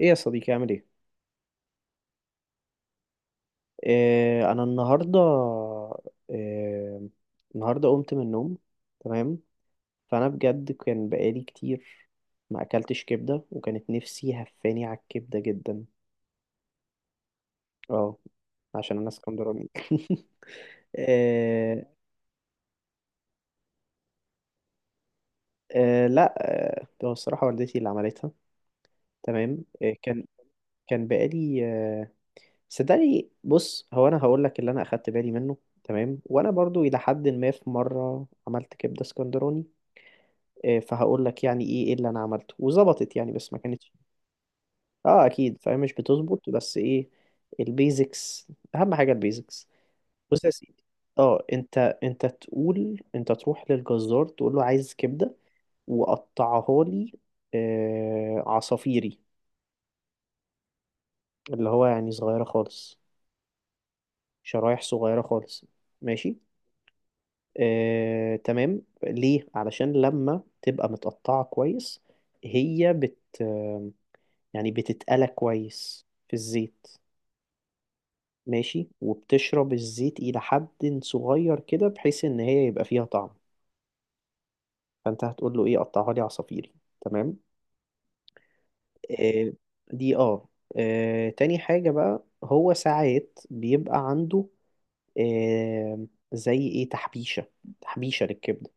ايه يا صديقي، عامل ايه؟ آه انا النهارده آه النهارده قمت من النوم. تمام. فانا بجد كان بقالي كتير ما اكلتش كبده، وكانت نفسي هفاني على الكبده جدا. اه، عشان انا اسكندراني. آه، آه، لا. هو الصراحه والدتي اللي عملتها. تمام. كان بقالي صدقني. بص، هو انا هقول لك اللي انا اخدت بالي منه. تمام. وانا برضو الى حد ما في مره عملت كبده اسكندراني. إيه، فهقول لك يعني ايه اللي انا عملته وظبطت يعني، بس ما كانتش. اه اكيد، فهي مش بتظبط، بس ايه؟ البيزكس. اهم حاجه البيزكس. بص يا سيدي. اه انت انت تقول، انت تروح للجزار تقول له عايز كبده وقطعها لي عصافيري. اللي هو يعني صغيره خالص، شرايح صغيره خالص. ماشي. تمام. ليه؟ علشان لما تبقى متقطعه كويس، هي بت يعني بتتقلى كويس في الزيت. ماشي. وبتشرب الزيت إلى حد صغير كده، بحيث إن هي يبقى فيها طعم. فأنت هتقول له إيه؟ قطعها لي عصافيري. تمام. آه دي. تاني حاجة بقى، هو ساعات بيبقى عنده آه زي إيه، تحبيشة، تحبيشة للكبدة.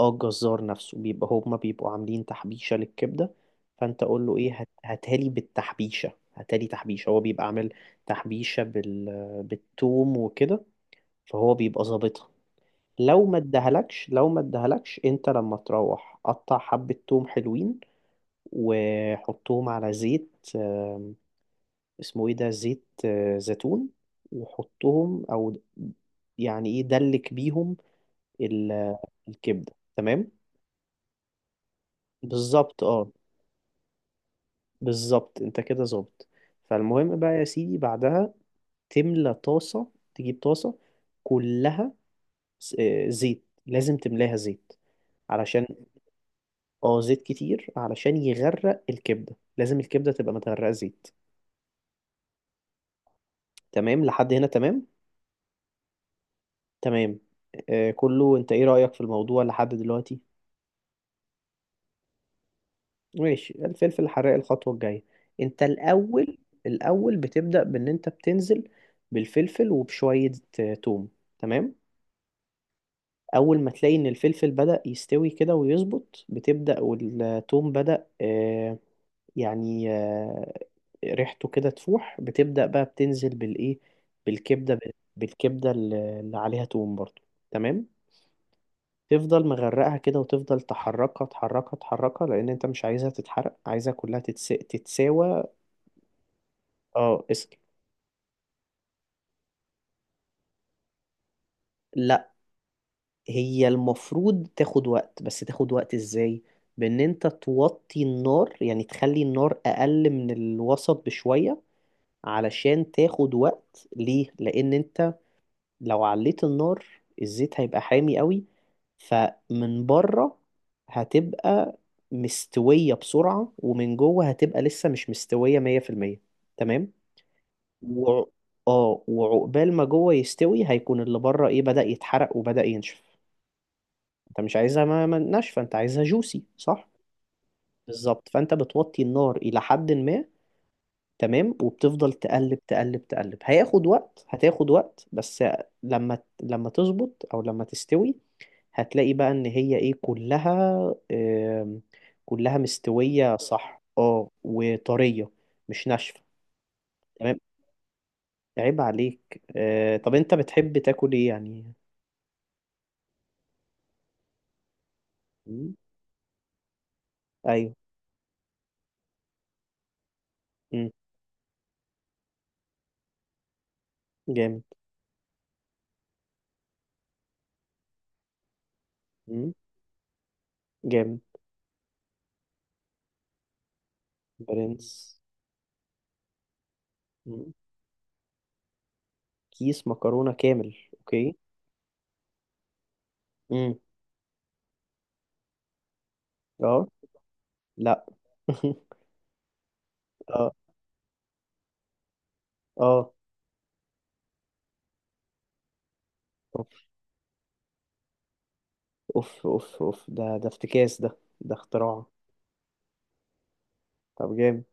اه، الجزار نفسه بيبقى، هما بيبقوا عاملين تحبيشة للكبدة. فانت قول له ايه، هاتها لي بالتحبيشة، هاتها لي تحبيشة، هو بيبقى عامل تحبيشة بالثوم وكده. فهو بيبقى ظابطها. لو ما ادهلكش انت، لما تروح قطع حبة ثوم حلوين وحطهم على زيت، اسمه ايه ده، زيت، زيتون. وحطهم او، يعني ايه، دلك بيهم ال- الكبدة. تمام. بالظبط اه بالظبط انت كده ظابط. فالمهم بقى يا سيدي، بعدها تملى طاسة، تجيب طاسة كلها، زيت. لازم تملاها زيت، علشان... اه زيت كتير، علشان يغرق الكبدة، لازم الكبدة تبقى متغرقة زيت. تمام لحد هنا. تمام. تمام. كله. انت ايه رأيك في الموضوع لحد دلوقتي؟ ماشي، الفلفل الحراق الخطوة الجاية. انت الاول بتبدأ بان انت بتنزل بالفلفل وبشوية، توم. تمام. اول ما تلاقي ان الفلفل بدأ يستوي كده ويظبط، بتبدأ، والثوم بدأ، يعني، ريحته كده تفوح، بتبدأ بقى بتنزل بالايه؟ بالكبدة. بالكبدة اللي عليها توم برضو. تمام. تفضل مغرقها كده، وتفضل تحركها تحركها تحركها، لان انت مش عايزها تتحرق، عايزها كلها تتساوى. اه اسكت. هي المفروض تاخد وقت، بس تاخد وقت ازاي؟ بان انت توطي النار، يعني تخلي النار اقل من الوسط بشوية. علشان تاخد وقت. ليه؟ لان انت لو عليت النار، الزيت هيبقى حامي قوي، فمن بره هتبقى مستوية بسرعة، ومن جوه هتبقى لسه مش مستوية 100%. تمام. وع... اه وعقبال ما جوه يستوي، هيكون اللي بره ايه، بدأ يتحرق وبدأ ينشف. انت مش عايزها ناشفه، انت عايزها جوسي، صح؟ بالظبط. فانت بتوطي النار الى حد ما. تمام. وبتفضل تقلب تقلب تقلب. هياخد وقت، هتاخد وقت بس. لما تظبط او لما تستوي، هتلاقي بقى ان هي ايه، كلها آم، كلها مستوية، صح؟ اه، وطرية، مش ناشفة. تمام. عيب عليك، طب انت بتحب تاكل ايه يعني؟ مم. ايوه. مم. جامد. مم. جامد. برنس. كيس مكرونة كامل، اوكي. امم. اه. لا. اه اه، اوف اوف اوف اوف، ده افتكاس، ده اختراع. طب جامد.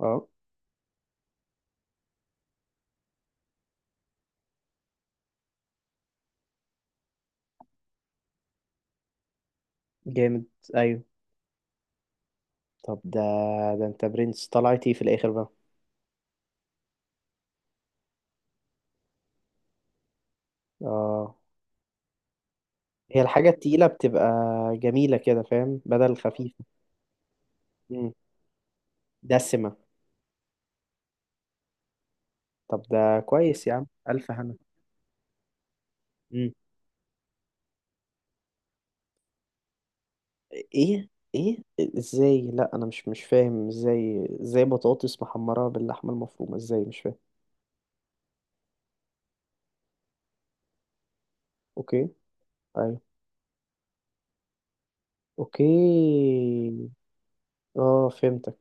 اه جامد. ايوه. طب ده انت برنس. طلعت ايه في الاخر بقى؟ اه. هي الحاجة التقيلة بتبقى جميلة كده، فاهم، بدل خفيفة. مم. دسمة. طب ده كويس يا عم، ألف هنا. مم. ايه؟ ايه؟ ازاي؟ لا، انا مش فاهم. ازاي ازاي بطاطس محمرة باللحمة المفرومة؟ ازاي؟ مش فاهم. اوكي. ايوه. اوكي. اه، فهمتك.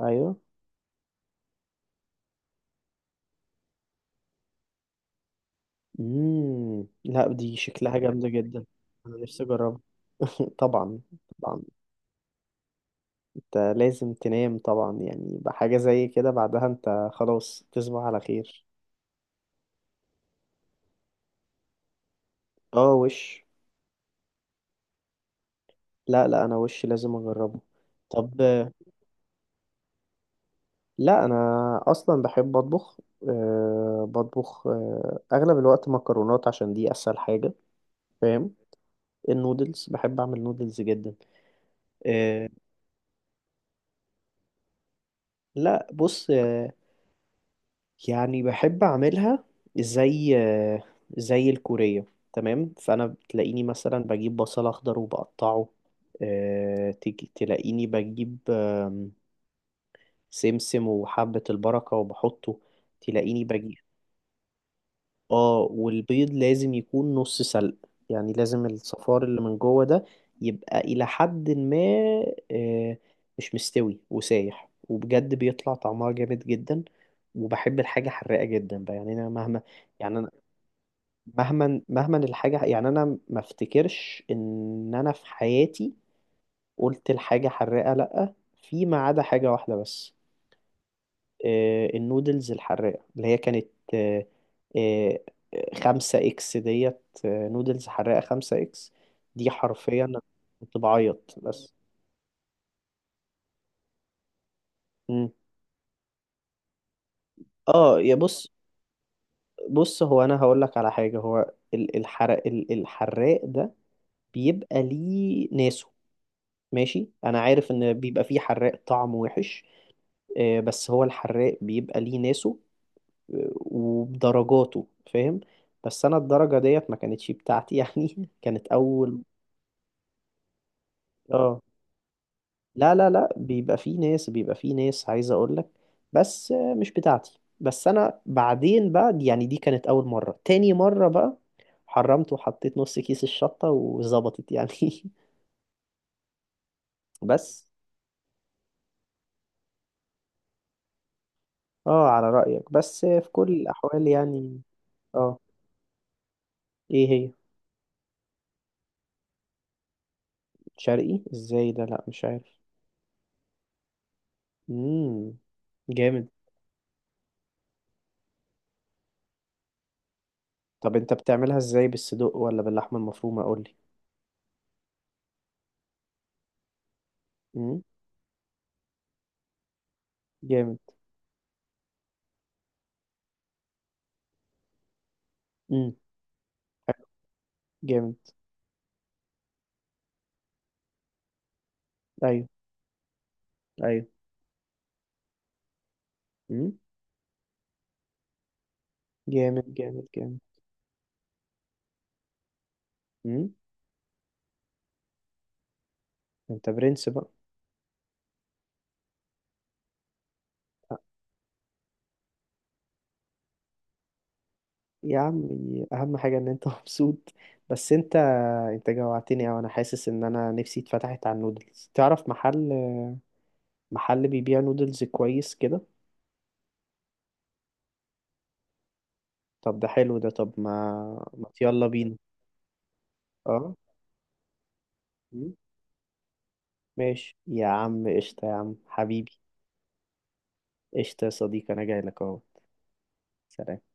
ايوه. امم. لا، دي شكلها جامده جدا. انا نفسي اجربها. طبعا. طبعا انت لازم تنام طبعا يعني، بحاجه زي كده بعدها انت خلاص تصبح على خير. اه وش. لا لا، انا وش لازم اجربه. طب، لا انا اصلا بحب اطبخ. بطبخ اغلب الوقت مكرونات، عشان دي اسهل حاجه. فاهم. النودلز، بحب اعمل نودلز جدا. آه، لا بص، يعني بحب اعملها زي آه، زي الكورية. تمام. فانا بتلاقيني مثلا بجيب بصل اخضر وبقطعه. تيجي تلاقيني بجيب، سمسم وحبة البركة وبحطه. تلاقيني بجيب. اه، والبيض لازم يكون نص سلق، يعني لازم الصفار اللي من جوه ده يبقى إلى حد ما آه، مش مستوي وسايح، وبجد بيطلع طعمها جامد جدا. وبحب الحاجة حراقة جدا بقى، يعني أنا مهما مهما الحاجة. يعني أنا ما افتكرش إن أنا في حياتي قلت الحاجة حراقة، لأ، فيما عدا حاجة واحدة بس. النودلز الحراقة اللي هي كانت آه، آه، خمسة إكس ديت، نودلز حراقة خمسة إكس. دي حرفيا أنا كنت بعيط بس. مم. اه يا بص. بص، هو أنا هقول لك على حاجة. هو الحراق ده بيبقى ليه ناسه. ماشي، أنا عارف إن بيبقى فيه حراق طعم وحش. بس هو الحراق بيبقى ليه ناسه. وبدرجاته. فاهم. بس أنا الدرجة ديت ما كانتش بتاعتي يعني، كانت أول... اه لا لا لا، بيبقى في ناس عايز اقول لك. بس، مش بتاعتي. بس انا بعدين بقى، يعني دي كانت اول مرة. تاني مرة بقى حرمت وحطيت نص كيس الشطة وظبطت يعني. بس اه على رأيك، بس، في كل الاحوال يعني. اه، ايه هي؟ شرقي ازاي ده؟ لا، مش عارف. امم. جامد. طب انت بتعملها ازاي، بالصدوق ولا باللحمة المفرومة؟ قولي. امم. جامد. امم. جامد. ايوه. ايوه. امم. جامد. جامد. جامد. امم. انت برنس بقى. يا عم، اهم حاجه ان انت مبسوط. بس انت جوعتني اوي. انا حاسس ان انا نفسي اتفتحت على النودلز. تعرف محل بيبيع نودلز كويس كده؟ طب ده حلو ده، طب ما يلا بينا. اه. مم. ماشي يا عم، قشطه يا عم حبيبي. قشطه يا صديقي، انا جاي لك اهو. سلام.